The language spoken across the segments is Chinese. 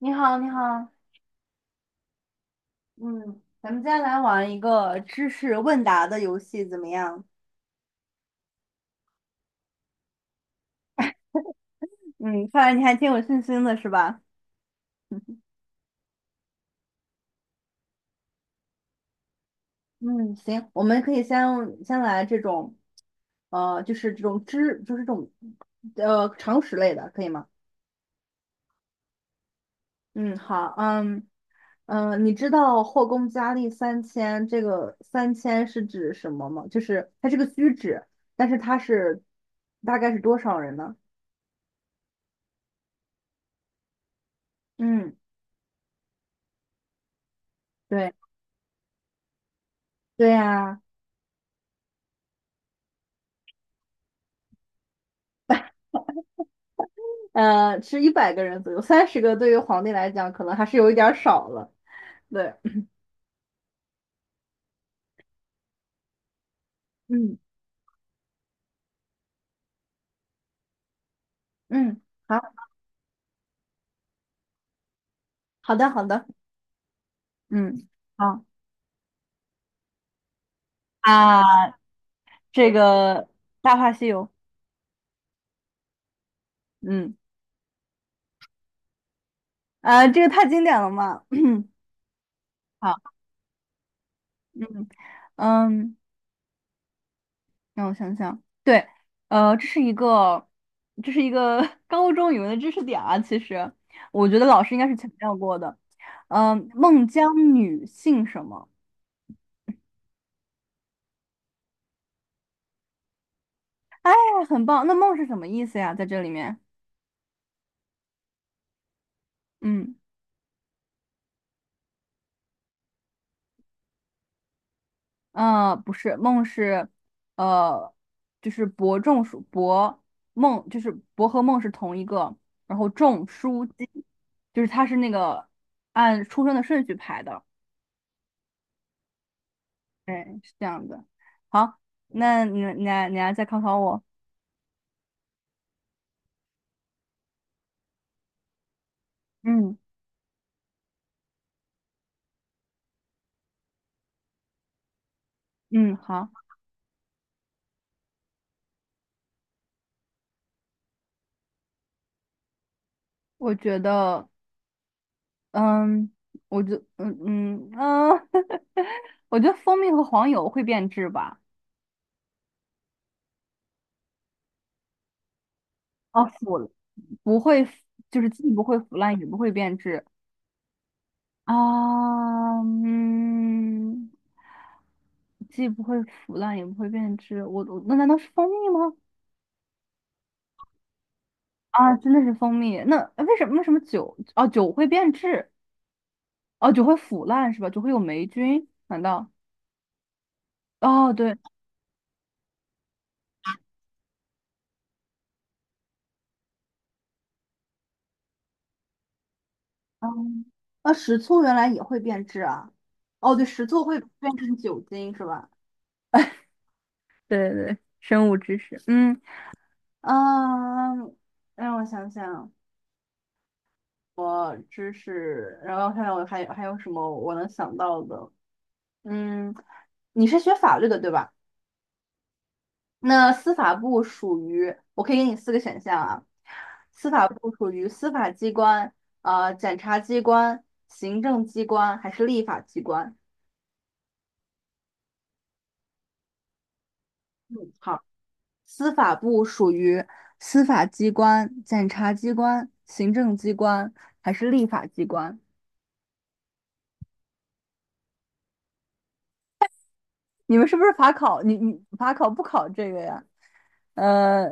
你好，你好。嗯，咱们接下来玩一个知识问答的游戏，怎么样？嗯，看来你还挺有信心的，是吧？嗯，行，我们可以先来这种，就是这种知，就是这种，常识类的，可以吗？嗯，好。你知道后宫佳丽三千这个三千是指什么吗？就是它是个虚指，但是大概是多少人呢？嗯，对。对呀。是100个人左右，30个对于皇帝来讲可能还是有一点儿少了。对。嗯嗯，好好的好的。嗯好啊，这个《大话西游》。嗯啊，这个太经典了嘛。好。嗯嗯，让我想想。对。呃，这是一个这是一个 高中语文的知识点啊，其实我觉得老师应该是强调过的。孟姜女姓什么？哎，很棒。那孟是什么意思呀？在这里面。嗯。不是，梦是，呃，就是伯仲叔伯梦，就是伯和梦是同一个，然后仲叔姬，就是他是那个按出生的顺序排的。对，是这样子。好，那你来再考考我。嗯，嗯，好。我觉得，嗯，我觉，嗯嗯嗯，我觉得蜂蜜和黄油会变质吧。哦，腐了，不会腐，就是既不会腐烂，也不会变质。啊。嗯，既不会腐烂，也不会变质。我那难道是蜂蜜吗？啊，真的是蜂蜜。那为什么酒会变质？哦，酒会腐烂是吧？酒会有霉菌？难道？哦对。嗯，啊，食醋原来也会变质啊？哦，对，食醋会变成酒精是吧？对对，对生物知识。嗯嗯，让我想想。我知识，然后还有什么我能想到的？嗯，你是学法律的对吧？那司法部属于，我可以给你四个选项啊。司法部属于司法机关、检察机关、行政机关还是立法机关？嗯，好。司法部属于司法机关、检察机关、行政机关还是立法机关？你们是不是法考？你法考不考这个呀？呃，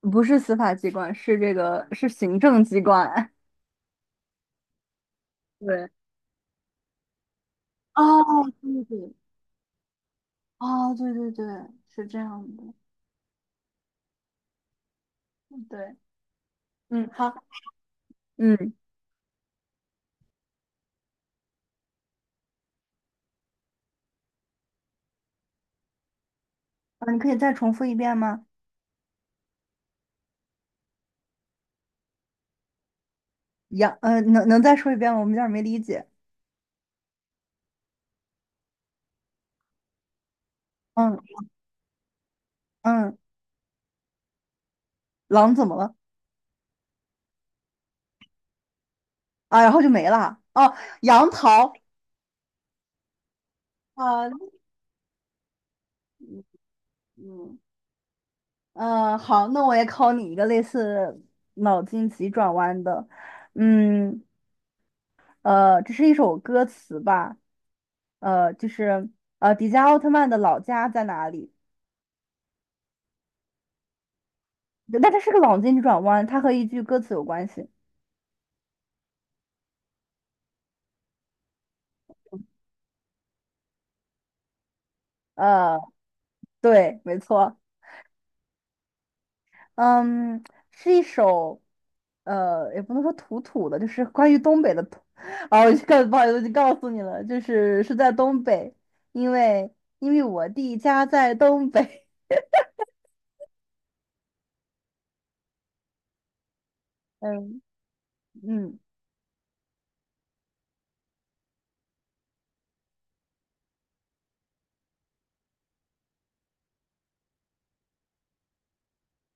不是司法机关，是行政机关。对，哦，对对，哦，对对对，是这样的。嗯对。好。嗯，啊，你可以再重复一遍吗？能再说一遍吗？我们有点儿没理解。嗯嗯，狼怎么了？啊，然后就没了啊。哦，杨桃。啊。嗯嗯，好，那我也考你一个类似脑筋急转弯的。嗯，这是一首歌词吧？就是迪迦奥特曼的老家在哪里？但它是个脑筋急转弯，它和一句歌词有关系。呃，对，没错。嗯，是一首，也不能说土土的，就是关于东北的土。啊，我就告，不好意思，我就告诉你了，就是在东北，因为我弟家在东北。嗯嗯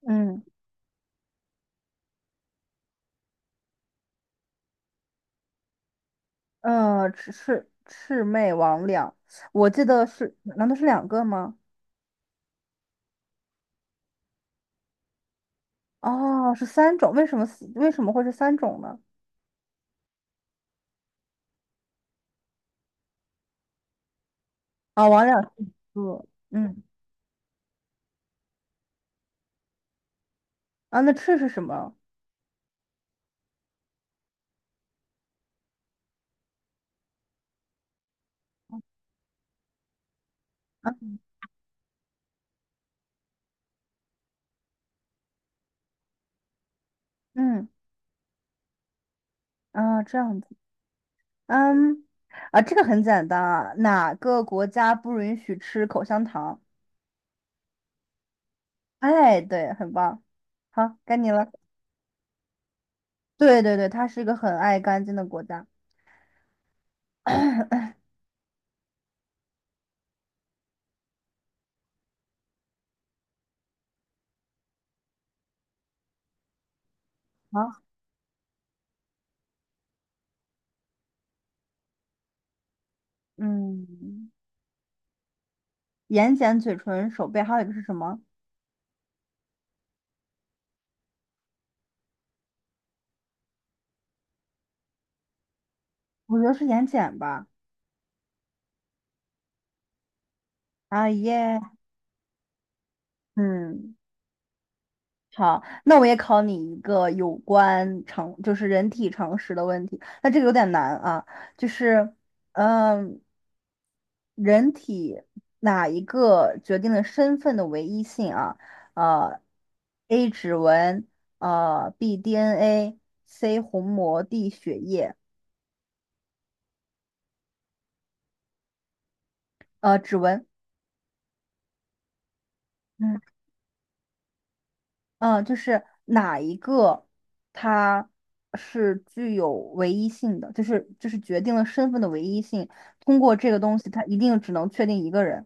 嗯，呃，魑魑魑魅魍魉，我记得是，难道是两个吗？哦，是三种。为什么会是三种呢？啊、哦，王两是一个。嗯，啊，那赤是什么？啊。嗯，啊，这样子。嗯，啊，这个很简单啊，哪个国家不允许吃口香糖？哎，对，很棒。好，该你了。对对对，它是一个很爱干净的国家。好。嗯，眼睑、嘴唇、手背，还有一个是什么？我觉得是眼睑吧。啊耶。嗯。好，那我也考你一个有关常，就是人体常识的问题。那这个有点难啊，就是，嗯，人体哪一个决定了身份的唯一性啊？呃，A 指纹，B DNA，C 虹膜，D 血液。指纹。嗯。嗯，就是哪一个它是具有唯一性的，就是决定了身份的唯一性。通过这个东西，它一定只能确定一个人。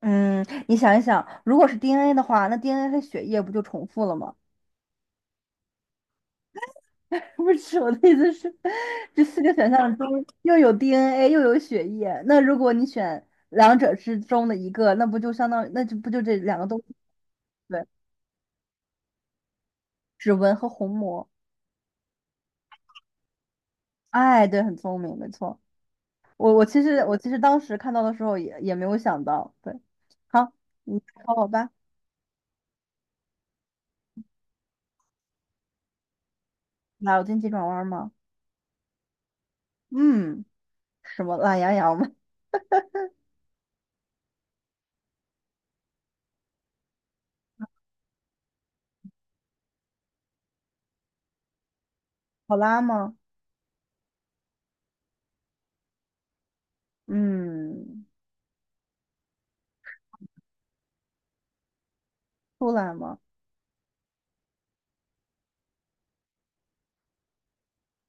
嗯，你想一想，如果是 DNA 的话，那 DNA 和血液不就重复了吗？不是我的意思是，这四个选项中又有 DNA 又有血液，那如果你选两者之中的一个，那不就相当于那就不就这两个都对。指纹和虹膜。哎，对，很聪明，没错。我其实当时看到的时候也没有想到。对。好，你考我吧。脑筋急转弯吗？嗯，什么懒羊羊吗？考拉吗？嗯，出来吗？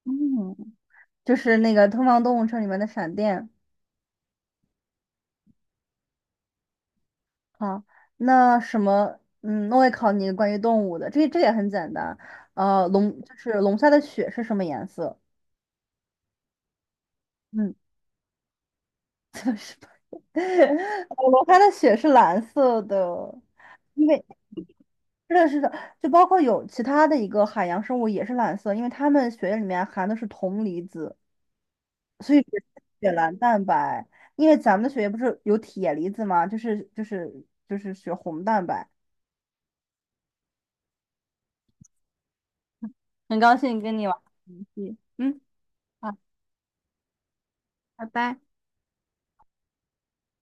嗯，就是那个《东方动物城》里面的闪电。好，那什么。嗯，那我也考你关于动物的，这也很简单。就是龙虾的血是什么颜色？嗯。它的血是蓝色的，因为是的，是的，就包括有其他的一个海洋生物也是蓝色，因为它们血液里面含的是铜离子，所以是血蓝蛋白。因为咱们的血液不是有铁离子吗？就是血红蛋白。很高兴跟你玩这个游戏。嗯，好，拜拜。